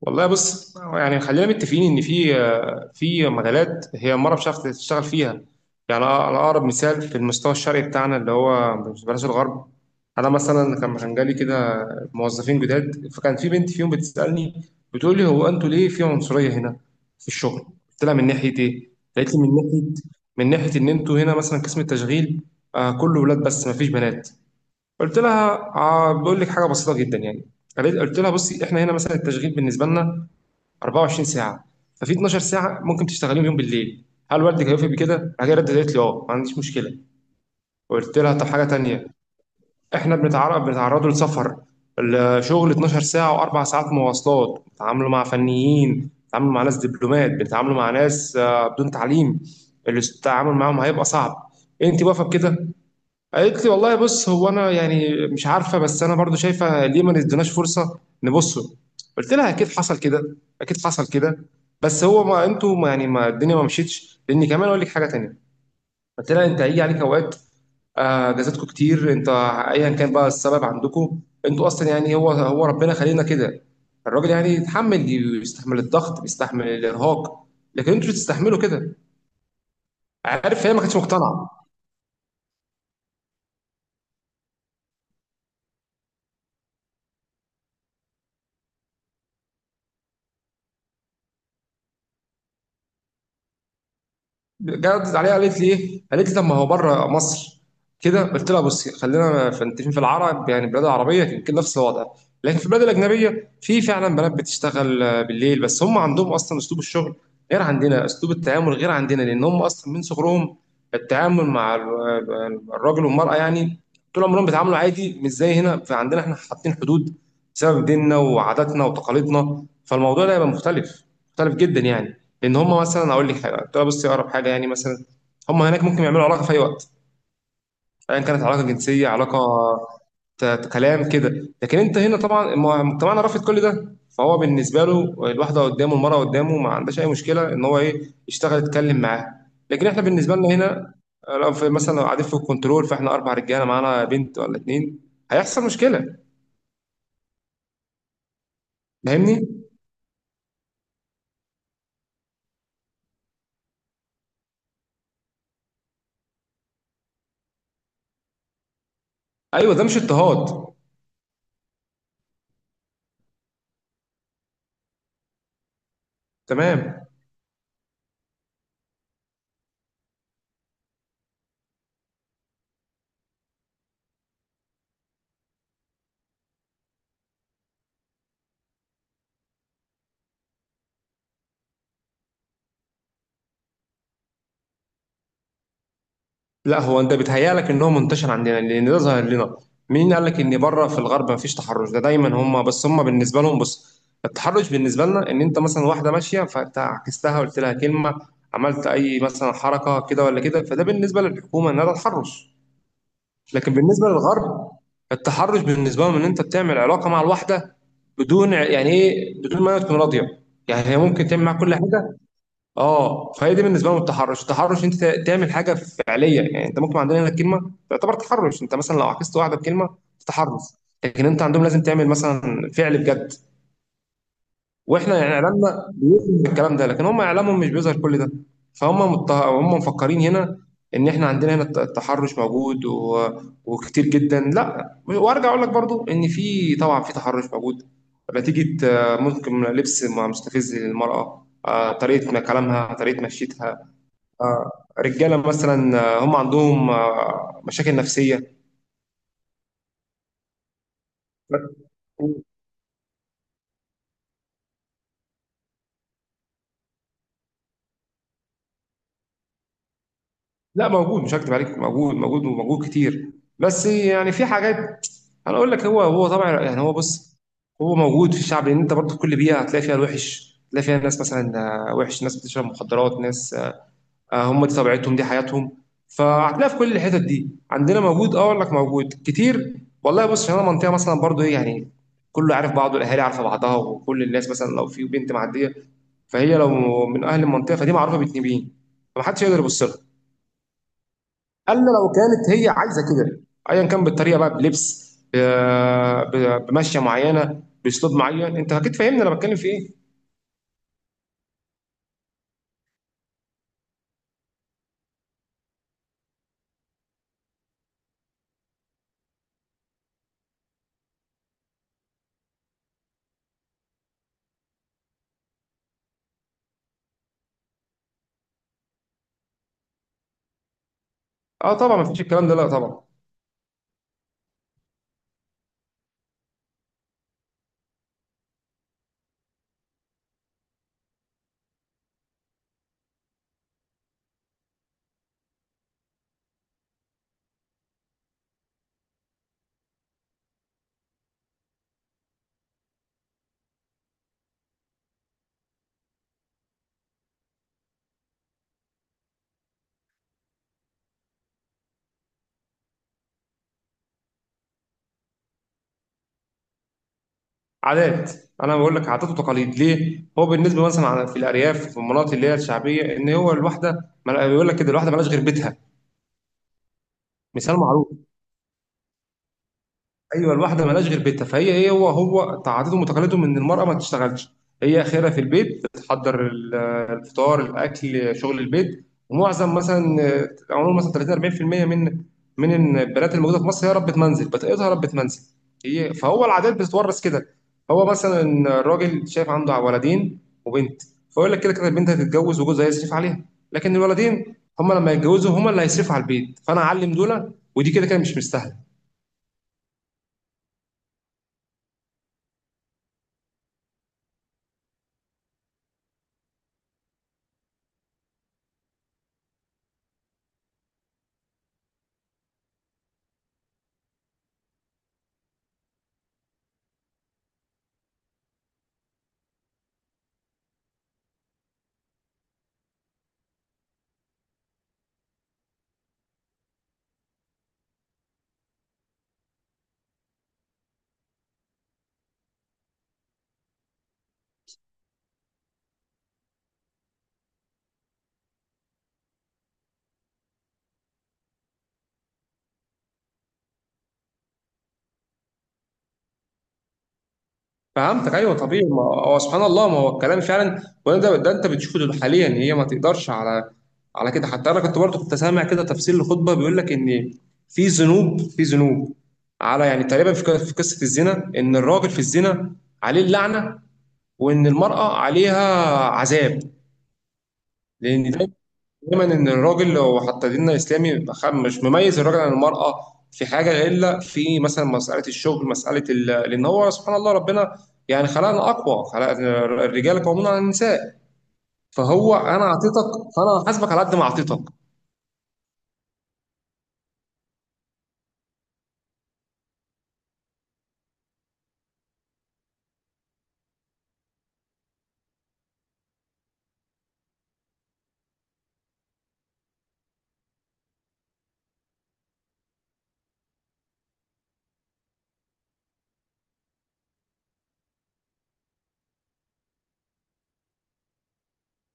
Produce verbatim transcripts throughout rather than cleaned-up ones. والله بص يعني خلينا متفقين ان في في مجالات هي المرأة مش عارفة تشتغل فيها. يعني انا اقرب مثال في المستوى الشرقي بتاعنا اللي هو مش بلاش الغرب. انا مثلا كان كان جالي كده موظفين جداد، فكان في بنت فيهم بتسألني، بتقول لي هو انتوا ليه في عنصرية هنا في الشغل؟ قلت لها من ناحية ايه؟ قالت لي من ناحية، من ناحية ان انتوا هنا مثلا قسم التشغيل آه كله ولاد بس مفيش بنات. قلت لها آه بقول لك حاجة بسيطة جدا يعني. قالت- قلت لها بصي احنا هنا مثلا التشغيل بالنسبة لنا 24 ساعة، ففي 12 ساعة ممكن تشتغليهم يوم بالليل. هل والدك هيوافق بكده؟ هي ردت قالت لي اه ما عنديش مشكلة. قلت لها طب حاجة تانية، احنا بنتعرض بنتعرضوا لسفر. الشغل 12 ساعة وأربع ساعات مواصلات، بنتعاملوا مع فنيين، بنتعاملوا مع ناس دبلومات، بنتعاملوا مع ناس آه، بدون تعليم. التعامل معاهم هيبقى صعب، انت واقفة بكده؟ قالت لي والله بص هو انا يعني مش عارفه، بس انا برضو شايفه ليه ما نديناش فرصه نبصه. قلت لها اكيد حصل كده، اكيد حصل كده، بس هو ما انتوا ما يعني ما الدنيا ما مشيتش، لان كمان اقول لك حاجه تانيه. قلت لها انت هيجي عليك اوقات، آه، اجازاتكم كتير، انت ايا كان بقى السبب عندكم. انتوا اصلا يعني هو هو ربنا خلينا كده، الراجل يعني يتحمل، يستحمل الضغط، بيستحمل الارهاق، لكن انتوا مش بتستحملوا كده. عارف هي ما كانتش مقتنعه. جاوبت عليها قالت لي ايه؟ قالت لي طب ما هو بره مصر كده. قلت لها بصي خلينا فانتين في العرب، يعني البلاد العربيه يمكن نفس الوضع، لكن في البلاد الاجنبيه في فعلا بنات بتشتغل آه، بالليل، بس هم عندهم اصلا اسلوب الشغل غير عندنا، اسلوب التعامل غير عندنا، لان هم اصلا من صغرهم التعامل مع ال- الراجل والمراه يعني طول عمرهم بيتعاملوا عادي مش زي هنا. فعندنا احنا حاطين حدود بسبب ديننا وعاداتنا وتقاليدنا، فالموضوع ده هيبقى مختلف، مختلف جدا يعني. لان هم مثلا اقول لك حاجه، تعالى بصي اقرب حاجه يعني، مثلا هم هناك ممكن يعملوا علاقه في اي وقت، ايا كانت علاقه جنسيه، علاقه ت- ت- كلام كده، لكن انت هنا طبعا م- مجتمعنا رافض كل ده. فهو بالنسبه له الواحده قدامه، المراه قدامه، ما عندهاش اي مشكله ان هو ايه يشتغل يتكلم معاها، لكن احنا بالنسبه لنا هنا آه، لو في مثلا لو قاعدين في الكنترول، فاحنا اربع رجاله معانا بنت ولا اتنين، هيحصل مشكله. فاهمني. ايوه ده مش اضطهاد. تمام. لا هو انت بيتهيألك ان هو منتشر عندنا لان ده ظاهر لنا. مين قال لك ان بره في الغرب مفيش تحرش؟ ده دايما هم، بس هم بالنسبه لهم بص، التحرش بالنسبه لنا ان انت مثلا واحده ماشيه فانت عكستها، قلت لها كلمه، عملت اي مثلا حركه كده ولا كده، فده بالنسبه للحكومه ان ده تحرش. لكن بالنسبه للغرب، التحرش بالنسبه لهم ان انت بتعمل علاقه مع الواحده بدون يعني ايه، بدون ما هي تكون راضيه، يعني هي ممكن تعمل معاك كل حاجه. اه فهي دي بالنسبه لهم التحرش. التحرش انت تعمل حاجه فعليه يعني، انت ممكن عندنا هنا الكلمه تعتبر تحرش، انت مثلا لو عكست واحده بكلمه تحرش. لكن انت عندهم لازم تعمل مثلا فعل بجد. واحنا يعني اعلامنا بيظهر الكلام ده، لكن هم اعلامهم مش بيظهر كل ده. فهم مت... هم مفكرين هنا ان احنا عندنا هنا الت- التحرش موجود و... وكتير جدا. لا وارجع اقول لك برضو ان في طبعا في تحرش موجود نتيجه آه، ممكن لبس مستفز للمراه، آه، طريقه كلامها، طريقه مشيتها، آه، رجاله مثلا آه، هم عندهم آه، مشاكل نفسيه. لا موجود، مش هكدب عليك، موجود موجود وموجود كتير. بس يعني في حاجات، انا اقول لك هو هو طبعا يعني، هو بص، هو موجود في الشعب، لان انت برضه في كل بيئه هتلاقي فيها الوحش، هتلاقي فيها ناس مثلا آه، وحش، ناس بتشرب مخدرات، ناس آه، هم دي طبيعتهم، دي حياتهم، فهتلاقي في كل الحتت دي عندنا موجود. اه اقول لك موجود كتير. والله بص عشان انا منطقه مثلا برضه ايه يعني كله عارف بعضه، الاهالي عارفه بعضها، وكل الناس مثلا لو في بنت معديه، فهي لو من اهل المنطقه فدي معروفه بتنين، فمحدش يقدر يبص لها الا لو كانت هي عايزه كده، ايا كان بالطريقه بقى، بلبس، ب- ب- بمشيه معينه، باسلوب معين، انت اكيد فاهمني انا بتكلم في ايه. اه طبعا ما فيش الكلام ده، لا طبعا. عادات. انا بقول لك عادات وتقاليد، ليه هو بالنسبه مثلا في الارياف في المناطق اللي هي الشعبيه، ان هو الواحده ما- بيقول لك كده الواحده مالهاش غير بيتها. مثال معروف. ايوه الواحده مالهاش غير بيتها. فهي هي هو هو تعادتهم وتقاليدهم ان المراه ما تشتغلش، هي اخرها في البيت، بتحضر ال- الفطار الاكل شغل البيت. ومعظم مثلا آه، عموما مثلا ثلاثين أربعين في المية من من البنات الموجوده في مصر هي ربة منزل، بتقيدها ربة منزل. هي فهو العادات بتتورث كده. هو مثلا الراجل شايف عنده ولدين وبنت، فيقول لك كده كده البنت هتتجوز وجوزها هيصرف عليها، لكن الولدين هم لما يتجوزوا هم اللي هيصرفوا على البيت، فانا اعلم دول، ودي كده كده مش مستاهله. فهمتك ايوه طبيعي، ما هو سبحان الله، ما هو الكلام فعلا، وانا ده, ده انت بتشوفه دول حاليا، هي ما تقدرش على على كده. حتى انا كنت برضه كنت سامع كده تفسير لخطبه، بيقول لك ان في ذنوب في ذنوب، على يعني تقريبا في ق- في قصه الزنا، ان الراجل في الزنا عليه اللعنه، وان المراه عليها عذاب. لان ده دايما ان الراجل، لو حتى ديننا الاسلامي بيبقى خ- مش مميز الراجل عن المراه في حاجه، الا في مثلا مساله الشغل، مساله ال- لان هو سبحان الله ربنا يعني خلقنا اقوى خلق. الرجال قوامون على النساء. فهو انا اعطيتك، فانا هحاسبك على قد ما اعطيتك.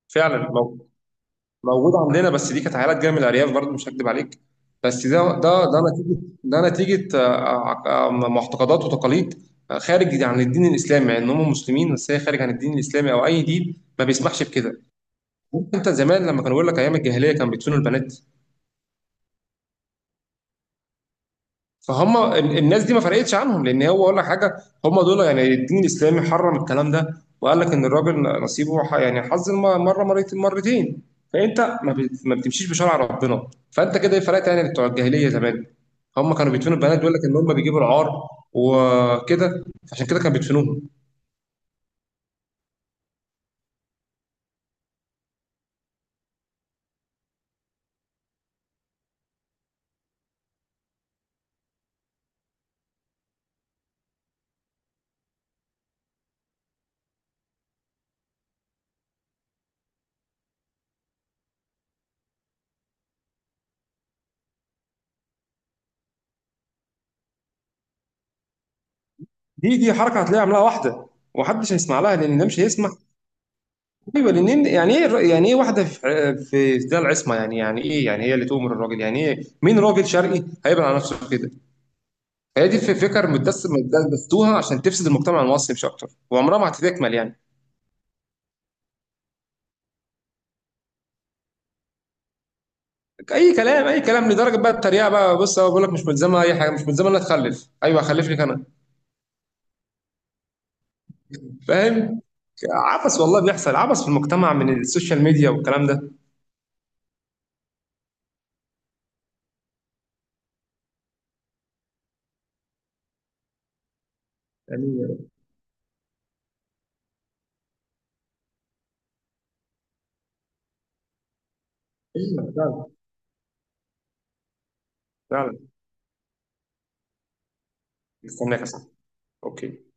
فعلا مو- موجود عندنا، بس دي كانت عائلات جايه من الارياف برضه مش هكدب عليك. بس ده ده ده نتيجه، ده نتيجه آه، آه، آه، معتقدات وتقاليد، آه، خارج عن الدين الاسلامي. مع ان هم مسلمين، بس هي خارج عن الدين الاسلامي او اي دين ما بيسمحش بكده. انت زمان لما كانوا بيقول لك ايام الجاهليه كانوا بيدفنوا البنات، فهم ال- الناس دي ما فرقتش عنهم، لان هو اقول لك حاجه، هم دول يعني الدين الاسلامي حرم الكلام ده، وقال لك ان الراجل نصيبه ح- يعني حظ الم- مره مرت- مرتين. فانت ما بت- ما بتمشيش بشرع ربنا، فانت كده ايه فرقت يعني بتوع الجاهليه زمان. هم كانوا بيدفنوا البنات، بيقول لك ان هم بيجيبوا العار وكده، عشان كده كانوا بيدفنوهم. دي دي حركه هتلاقيها عاملاها واحده، ومحدش هيسمع لها، لان ده مش هيسمع. ايوه لان يعني ايه الر- يعني ايه واحده في في ده العصمه؟ يعني يعني ايه يعني هي اللي تؤمر الراجل؟ يعني ايه؟ مين راجل شرقي هيبقى على نفسه كده؟ هي دي الفكر متدس متدستوها عشان تفسد المجتمع المصري مش اكتر، وعمرها ما هتتكمل يعني. اي كلام، اي كلام، لدرجه بقى التريقه بقى، بص هو بيقول لك مش ملزمه اي حاجه، مش ملزمه انها تخلف؟ ايوه هخلف لك انا. فاهم. عبث، والله بيحصل عبث في المجتمع من السوشيال ميديا والكلام ده يعني. ايوه فعلا. فعلا استناك يا صاحبي. اوكي.